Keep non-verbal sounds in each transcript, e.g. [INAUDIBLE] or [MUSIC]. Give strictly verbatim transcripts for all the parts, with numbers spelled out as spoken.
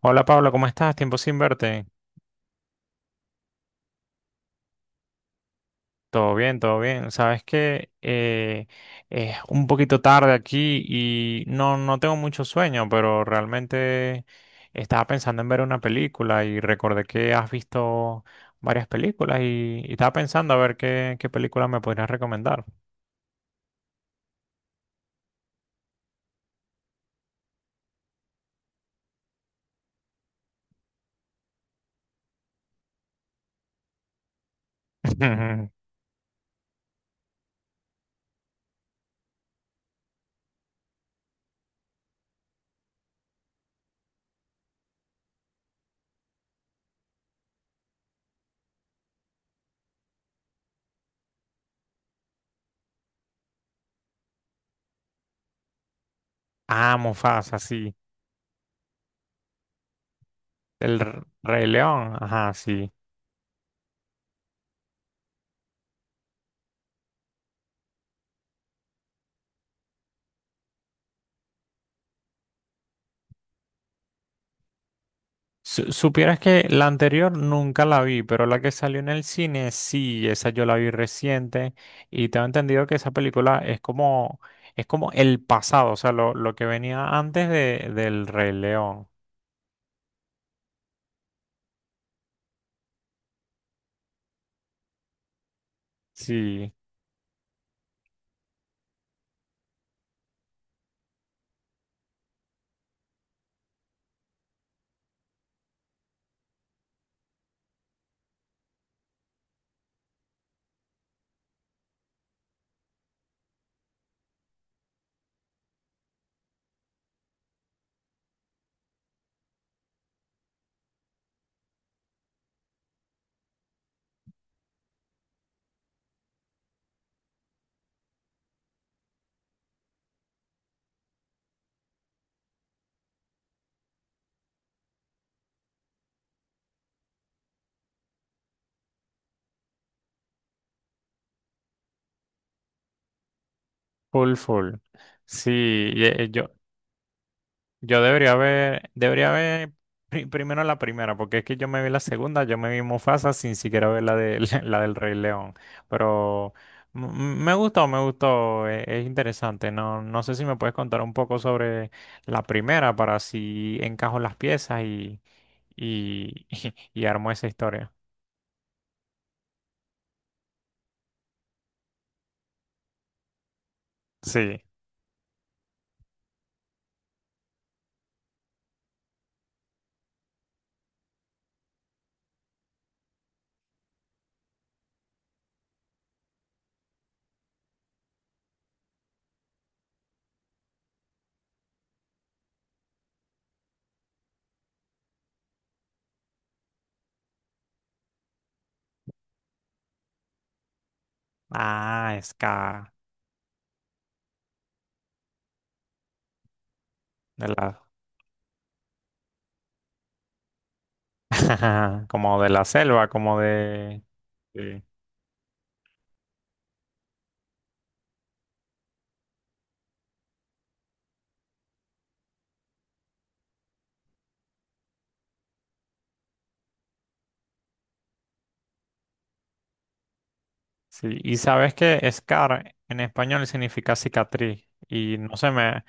Hola Pablo, ¿cómo estás? Tiempo sin verte. Todo bien, todo bien. Sabes que eh, es un poquito tarde aquí y no, no tengo mucho sueño, pero realmente estaba pensando en ver una película y recordé que has visto varias películas y, y estaba pensando a ver qué, qué película me podrías recomendar. [LAUGHS] Ah, Mufasa, sí. El R- Rey León, ajá, sí. Su- Supieras que la anterior nunca la vi, pero la que salió en el cine sí, esa yo la vi reciente y tengo entendido que esa película es como, es como el pasado, o sea, lo, lo que venía antes de, del Rey León. Sí, full, full. Sí, y, eh, yo, yo debería ver, debería ver pri- primero la primera, porque es que yo me vi la segunda, yo me vi Mufasa sin siquiera ver la de [LAUGHS] la del Rey León. Pero m- m- me gustó, me gustó, e- es interesante. No, no sé si me puedes contar un poco sobre la primera para si encajo las piezas y, y, [LAUGHS] y armo esa historia. Sí. Ah, Scar. De la, [LAUGHS] como de la selva, como de. Sí. Sí, y sabes que scar en español significa cicatriz y no sé, me,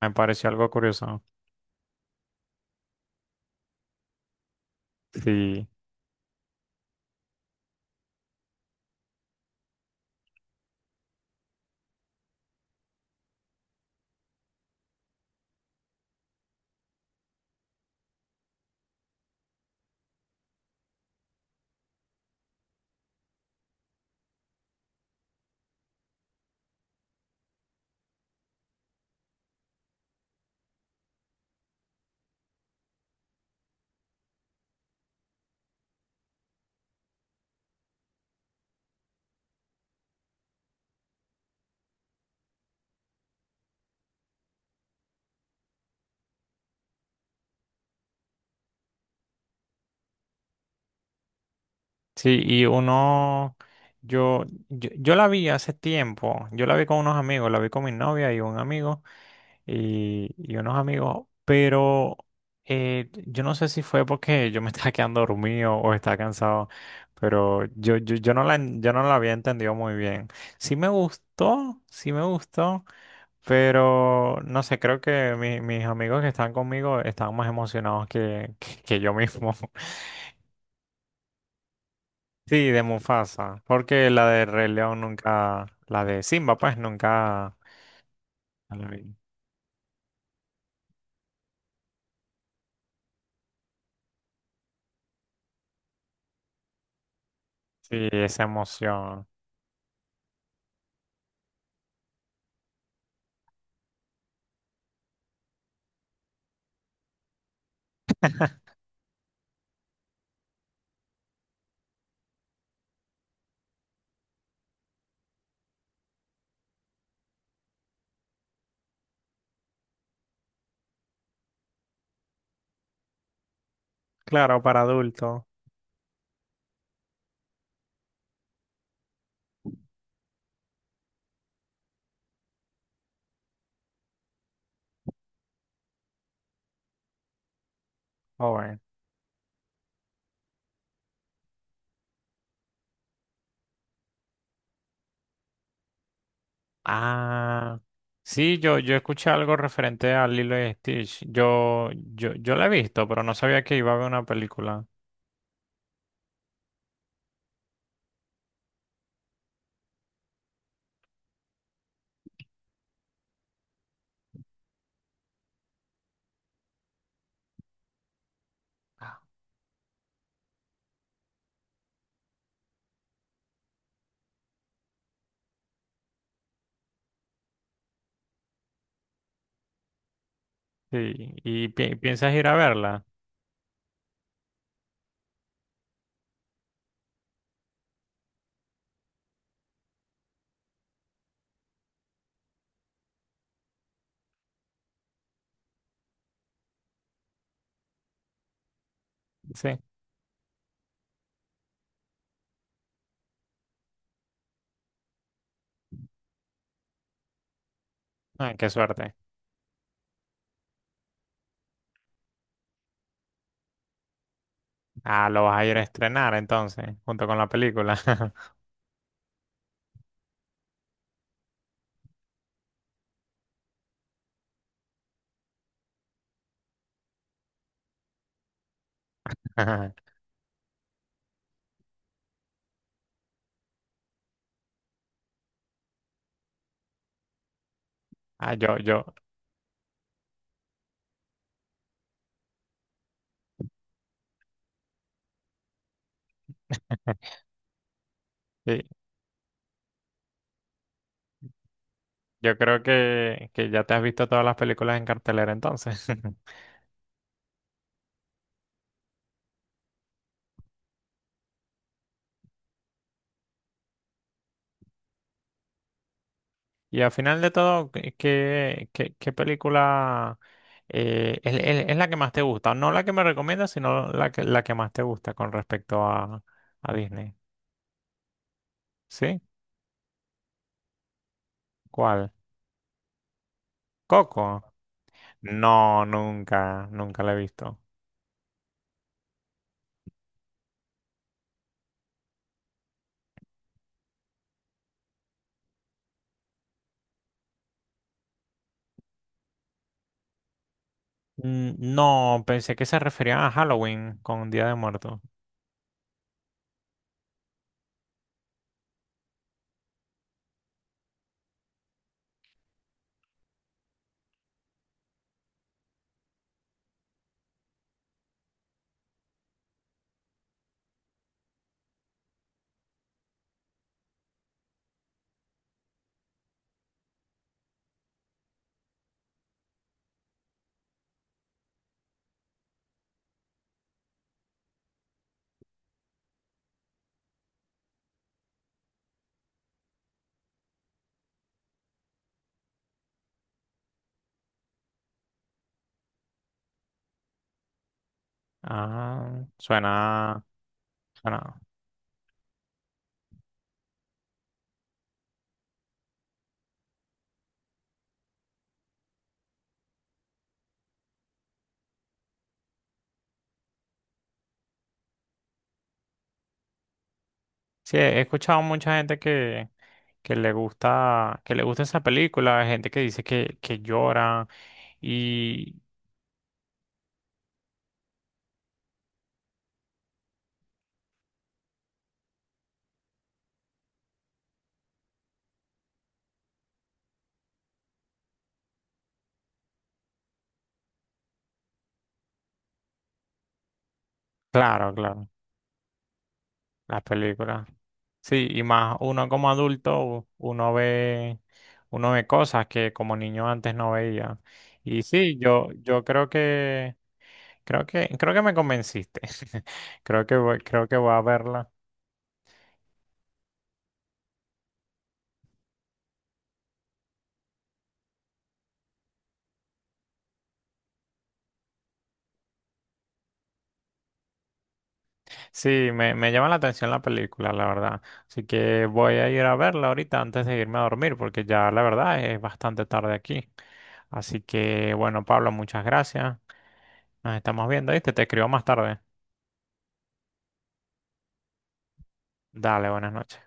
me pareció algo curioso. Sí, sí, y uno, yo, yo, yo la vi hace tiempo, yo la vi con unos amigos, la vi con mi novia y un amigo y, y unos amigos, pero eh, yo no sé si fue porque yo me [LAUGHS] estaba quedando dormido o estaba cansado, pero yo, yo, yo no la, yo no la había entendido muy bien. Sí me gustó, sí me gustó. Pero no sé, creo que mi- mis amigos que están conmigo están más emocionados que, que, que yo mismo. [LAUGHS] Sí, de Mufasa, porque la de Rey León nunca, la de Simba, pues nunca. La vez. Sí, esa emoción. Claro, para adultos, joven. Ah, sí, yo, yo escuché algo referente a Lilo y Stitch. Yo, yo, yo la he visto, pero no sabía que iba a haber una película. Sí, ¿y pi- piensas ir a verla? Sí. Ah, qué suerte. Ah, lo vas a ir a estrenar entonces, junto con la película. [LAUGHS] Ah, yo, yo, sí, yo creo que, que ya te has visto todas las películas en cartelera entonces. [LAUGHS] Y al final de todo, ¿qué, qué, qué- qué película eh, es, es- es la que más te gusta? No la que me recomiendas, sino la que, la que más te gusta con respecto a, a Disney. ¿Sí? ¿Cuál? ¿Coco? No, nunca, nunca la he visto. Mm, no, pensé que se referían a Halloween con Día de Muertos. Ah, suena, suena. Sí, he escuchado mucha gente que, que le gusta, que le gusta esa película, hay gente que dice que, que llora y claro, claro, las películas. Sí, y más uno como adulto, uno ve, uno ve cosas que como niño antes no veía. Y sí, yo, yo creo que, creo que, creo que me convenciste. [LAUGHS] Creo que voy, creo que voy a verla. Sí, me, me llama la atención la película, la verdad. Así que voy a ir a verla ahorita antes de irme a dormir, porque ya la verdad es bastante tarde aquí. Así que, bueno, Pablo, muchas gracias. Nos estamos viendo, ¿viste? Te escribo más tarde. Dale, buenas noches.